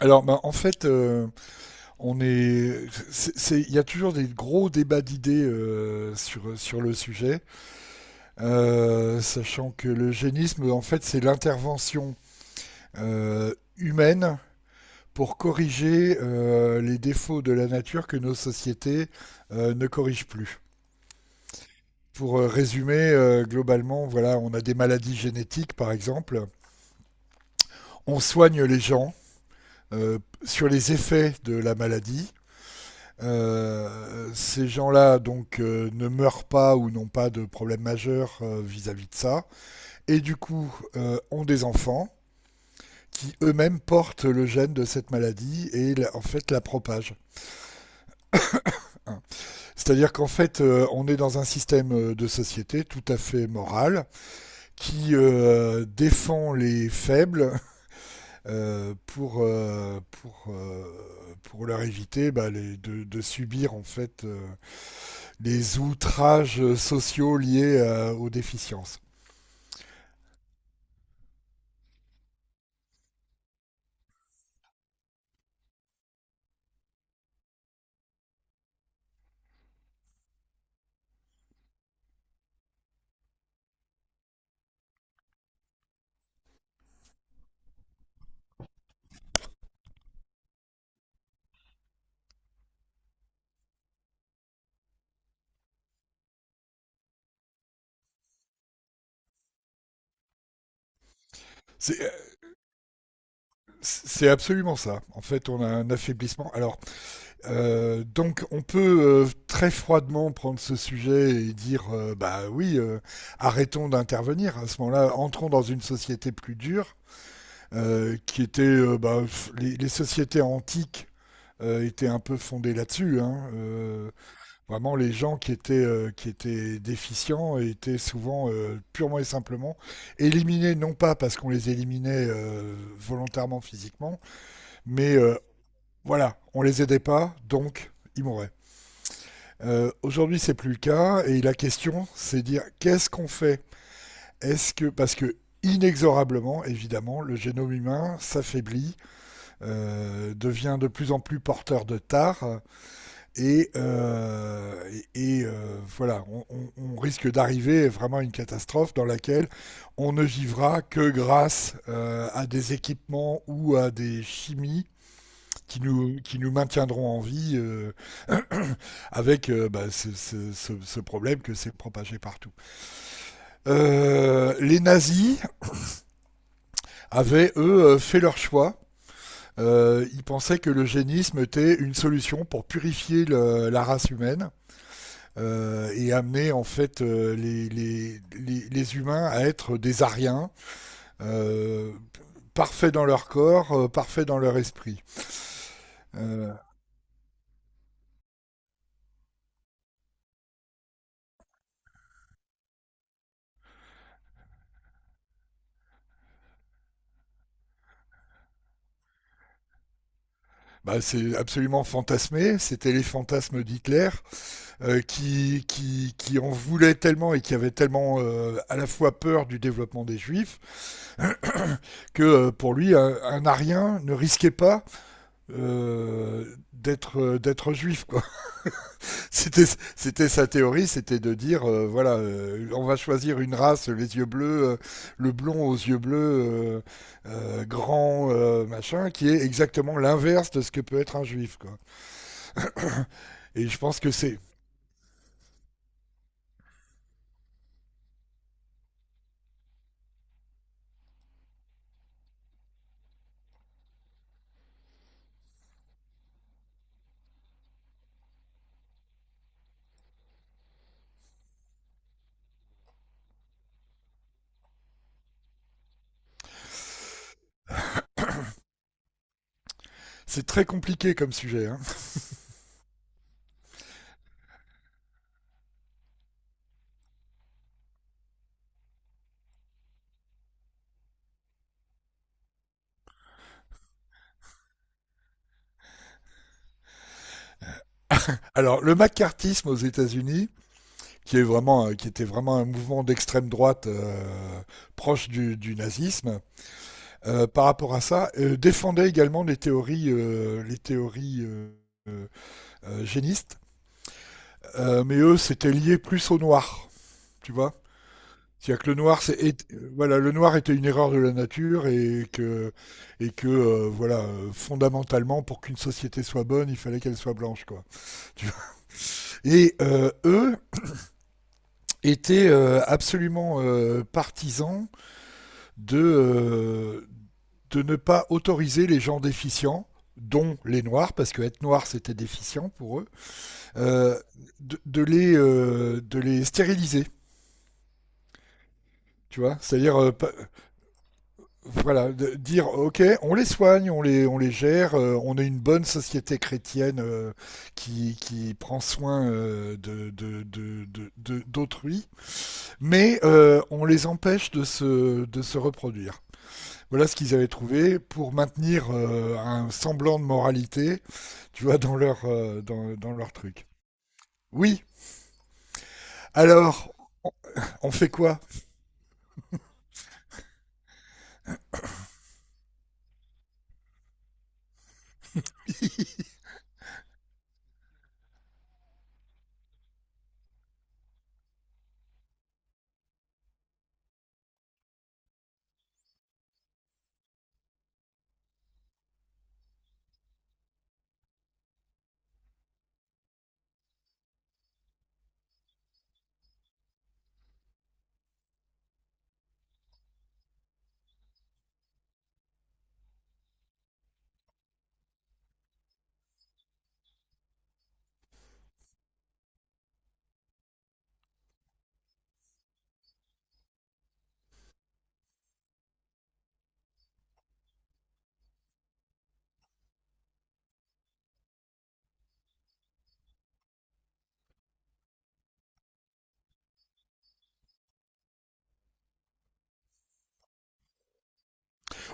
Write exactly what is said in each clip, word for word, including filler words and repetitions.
Alors, bah, en fait, euh, on est, c'est- c'est- il y a toujours des gros débats d'idées euh, sur sur le sujet. Euh, sachant que le génisme, en fait, c'est l'intervention euh, humaine pour corriger euh, les défauts de la nature que nos sociétés euh, ne corrigent plus. Pour euh, résumer, euh, globalement, voilà, on a des maladies génétiques, par exemple, on soigne les gens euh, sur les effets de la maladie. Euh, ces gens-là donc euh, ne meurent pas ou n'ont pas de problème majeur euh, vis-à-vis de ça, et du coup euh, ont des enfants qui eux-mêmes portent le gène de cette maladie et la- en fait la propagent. Hein. C'est-à-dire qu'en fait euh, on est dans un système euh, de société tout à fait moral qui euh, défend les faibles, euh, pour euh, pour euh, pour leur éviter bah, les- de, de subir en fait euh, les outrages sociaux liés euh, aux déficiences. C'est- C'est absolument ça. En fait, on a un affaiblissement. Alors, euh, donc, on peut euh, très froidement prendre ce sujet et dire, euh, bah oui, euh, arrêtons d'intervenir. À ce moment-là, entrons dans une société plus dure, euh, qui était, euh, bah, les, les sociétés antiques euh, étaient un peu fondées là-dessus. Hein. Euh, Vraiment, les gens qui étaient, euh, qui étaient déficients étaient souvent euh, purement et simplement éliminés, non pas parce qu'on les éliminait euh, volontairement physiquement, mais euh, voilà, on les aidait pas, donc ils mouraient. Euh, Aujourd'hui, c'est plus le cas, et la question, c'est dire qu'est-ce qu'on fait. Est-ce que parce que inexorablement, évidemment, le génome humain s'affaiblit, euh, devient de plus en plus porteur de tares, et, euh, et, et euh, voilà, on, on- on risque d'arriver vraiment à une catastrophe dans laquelle on ne vivra que grâce euh, à des équipements ou à des chimies qui nous, qui nous maintiendront en vie euh, avec euh, bah, ce, ce- ce- ce problème que c'est propagé partout. Euh, les nazis avaient, eux, euh, fait leur choix. Euh, ils pensaient que l'eugénisme était une solution pour purifier le- la race humaine euh, et amener en fait euh, les, les, les, les, humains à être des Ariens, euh, parfaits dans leur corps, euh, parfaits dans leur esprit. Euh, Bah, c'est absolument fantasmé, c'était les fantasmes d'Hitler. Euh, qui, qui, qui, en voulait tellement et qui avait tellement euh, à la fois peur du développement des juifs que euh, pour lui un, un arien ne risquait pas euh, d'être d'être juif, quoi. C'était, C'était sa théorie, c'était de dire, euh, voilà, euh, on va choisir une race, les yeux bleus, euh, le blond aux yeux bleus, euh, euh, grand, euh, machin, qui est exactement l'inverse de ce que peut être un juif. Quoi. Et je pense que c'est, c'est très compliqué comme sujet. Hein. Alors, le macartisme aux États-Unis, qui est vraiment, euh, qui était vraiment un mouvement d'extrême droite euh, proche du, du nazisme, euh, par rapport à ça, euh, défendait également les théories, euh, les théories euh, euh, euh, génistes. Euh, mais eux, c'était lié plus au noir, tu vois. C'est-à-dire que le noir, c'est et- voilà, le noir était une erreur de la nature, et que et que euh, voilà, euh, fondamentalement, pour qu'une société soit bonne, il fallait qu'elle soit blanche, quoi. Tu vois. Et euh, eux étaient euh, absolument euh, partisans de euh, de ne pas autoriser les gens déficients, dont les noirs, parce que être noir c'était déficient pour eux, euh, de, de les euh, de les stériliser. Tu vois, c'est-à-dire euh, pa- voilà, de dire ok, on les soigne, on les, on les gère, euh, on est une bonne société chrétienne euh, qui, qui prend soin euh, de, de, de- de- de- d'autrui, mais euh, on les empêche de se, de se reproduire. Voilà ce qu'ils avaient trouvé pour maintenir euh, un semblant de moralité, tu vois, dans leur, euh, dans, dans leur truc. Oui, alors, on, on fait quoi.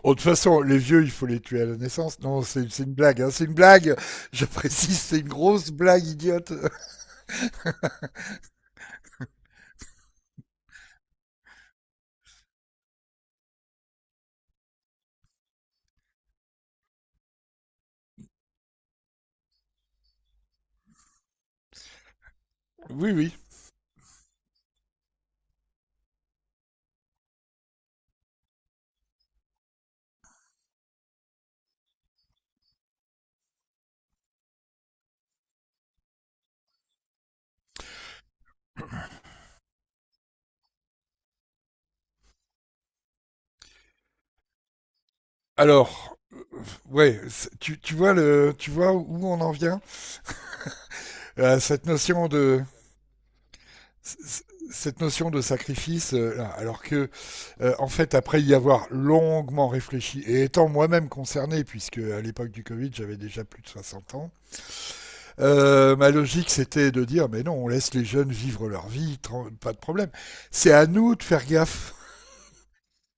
Oh, de toute façon, les vieux, il faut les tuer à la naissance. Non, c'est une blague. Hein, c'est une blague. Je précise, c'est une grosse blague idiote. Oui, oui. Alors, ouais, tu, tu vois le, tu vois où on en vient. Euh, cette notion de Cette notion de sacrifice, euh, alors que, euh, en fait, après y avoir longuement réfléchi et étant moi-même concerné, puisque à l'époque du Covid, j'avais déjà plus de soixante ans. Euh, ma logique, c'était de dire, mais non, on laisse les jeunes vivre leur vie, pas de problème. C'est à nous de faire gaffe.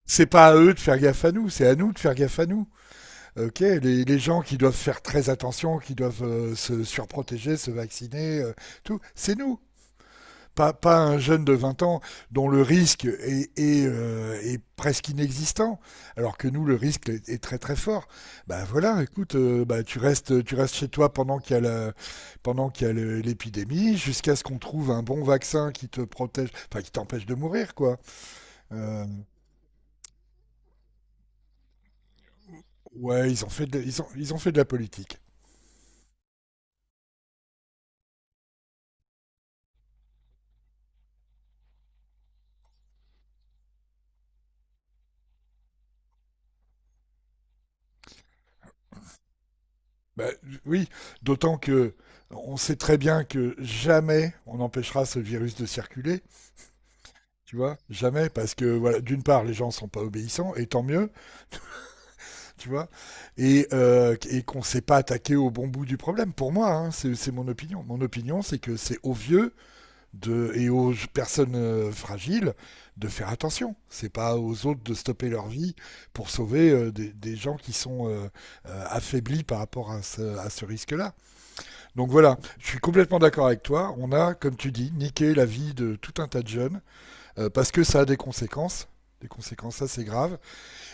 C'est pas à eux de faire gaffe à nous, c'est à nous de faire gaffe à nous. Ok, les, les gens qui doivent faire très attention, qui doivent euh, se surprotéger, se vacciner, euh, tout, c'est nous. Pas, pas un jeune de vingt ans dont le risque est, est, euh, est presque inexistant, alors que nous, le risque est, est très très fort. Bah voilà, écoute, euh, bah, tu, restes, tu restes chez toi pendant qu'il y a la- pendant qu'il y a le- l'épidémie, jusqu'à ce qu'on trouve un bon vaccin qui te protège, enfin qui t'empêche de mourir, quoi. Euh, ouais, ils ont fait de, ils ont, ils ont fait de la politique. Bah, oui, d'autant que on sait très bien que jamais on empêchera ce virus de circuler. Tu vois, jamais, parce que voilà, d'une part, les gens sont pas obéissants, et tant mieux, tu vois, et, euh, et qu'on s'est pas attaqué au bon bout du problème. Pour moi, hein, c'est c'est mon opinion. Mon opinion, c'est que c'est aux vieux de, et aux personnes euh, fragiles de faire attention. C'est pas aux autres de stopper leur vie pour sauver euh, des, des gens qui sont euh, euh, affaiblis par rapport à ce, à ce risque-là. Donc voilà, je suis complètement d'accord avec toi. On a, comme tu dis, niqué la vie de tout un tas de jeunes euh, parce que ça a des conséquences, des conséquences assez graves,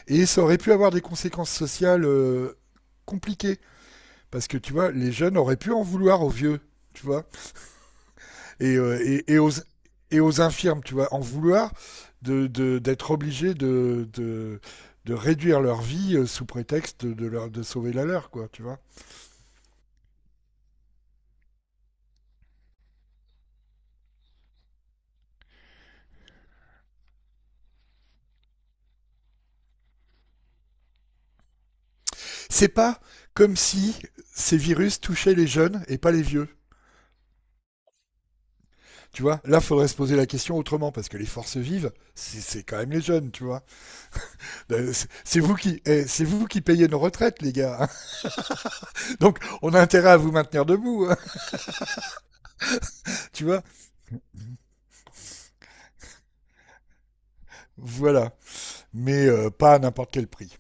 et ça aurait pu avoir des conséquences sociales euh, compliquées, parce que tu vois, les jeunes auraient pu en vouloir aux vieux, tu vois, et, euh, et, et, aux, et aux infirmes, tu vois, en vouloir d'être de, d'être obligés de, de, de réduire leur vie euh, sous prétexte de, leur, de sauver la leur, quoi, tu vois. C'est pas comme si ces virus touchaient les jeunes et pas les vieux. Tu vois, là, faudrait se poser la question autrement, parce que les forces vives, c'est c'est quand même les jeunes, tu vois. Ben, c'est vous qui, eh, c'est vous qui payez nos retraites, les gars. Hein. Donc, on a intérêt à vous maintenir debout, hein, tu vois. Voilà, mais euh, pas à n'importe quel prix.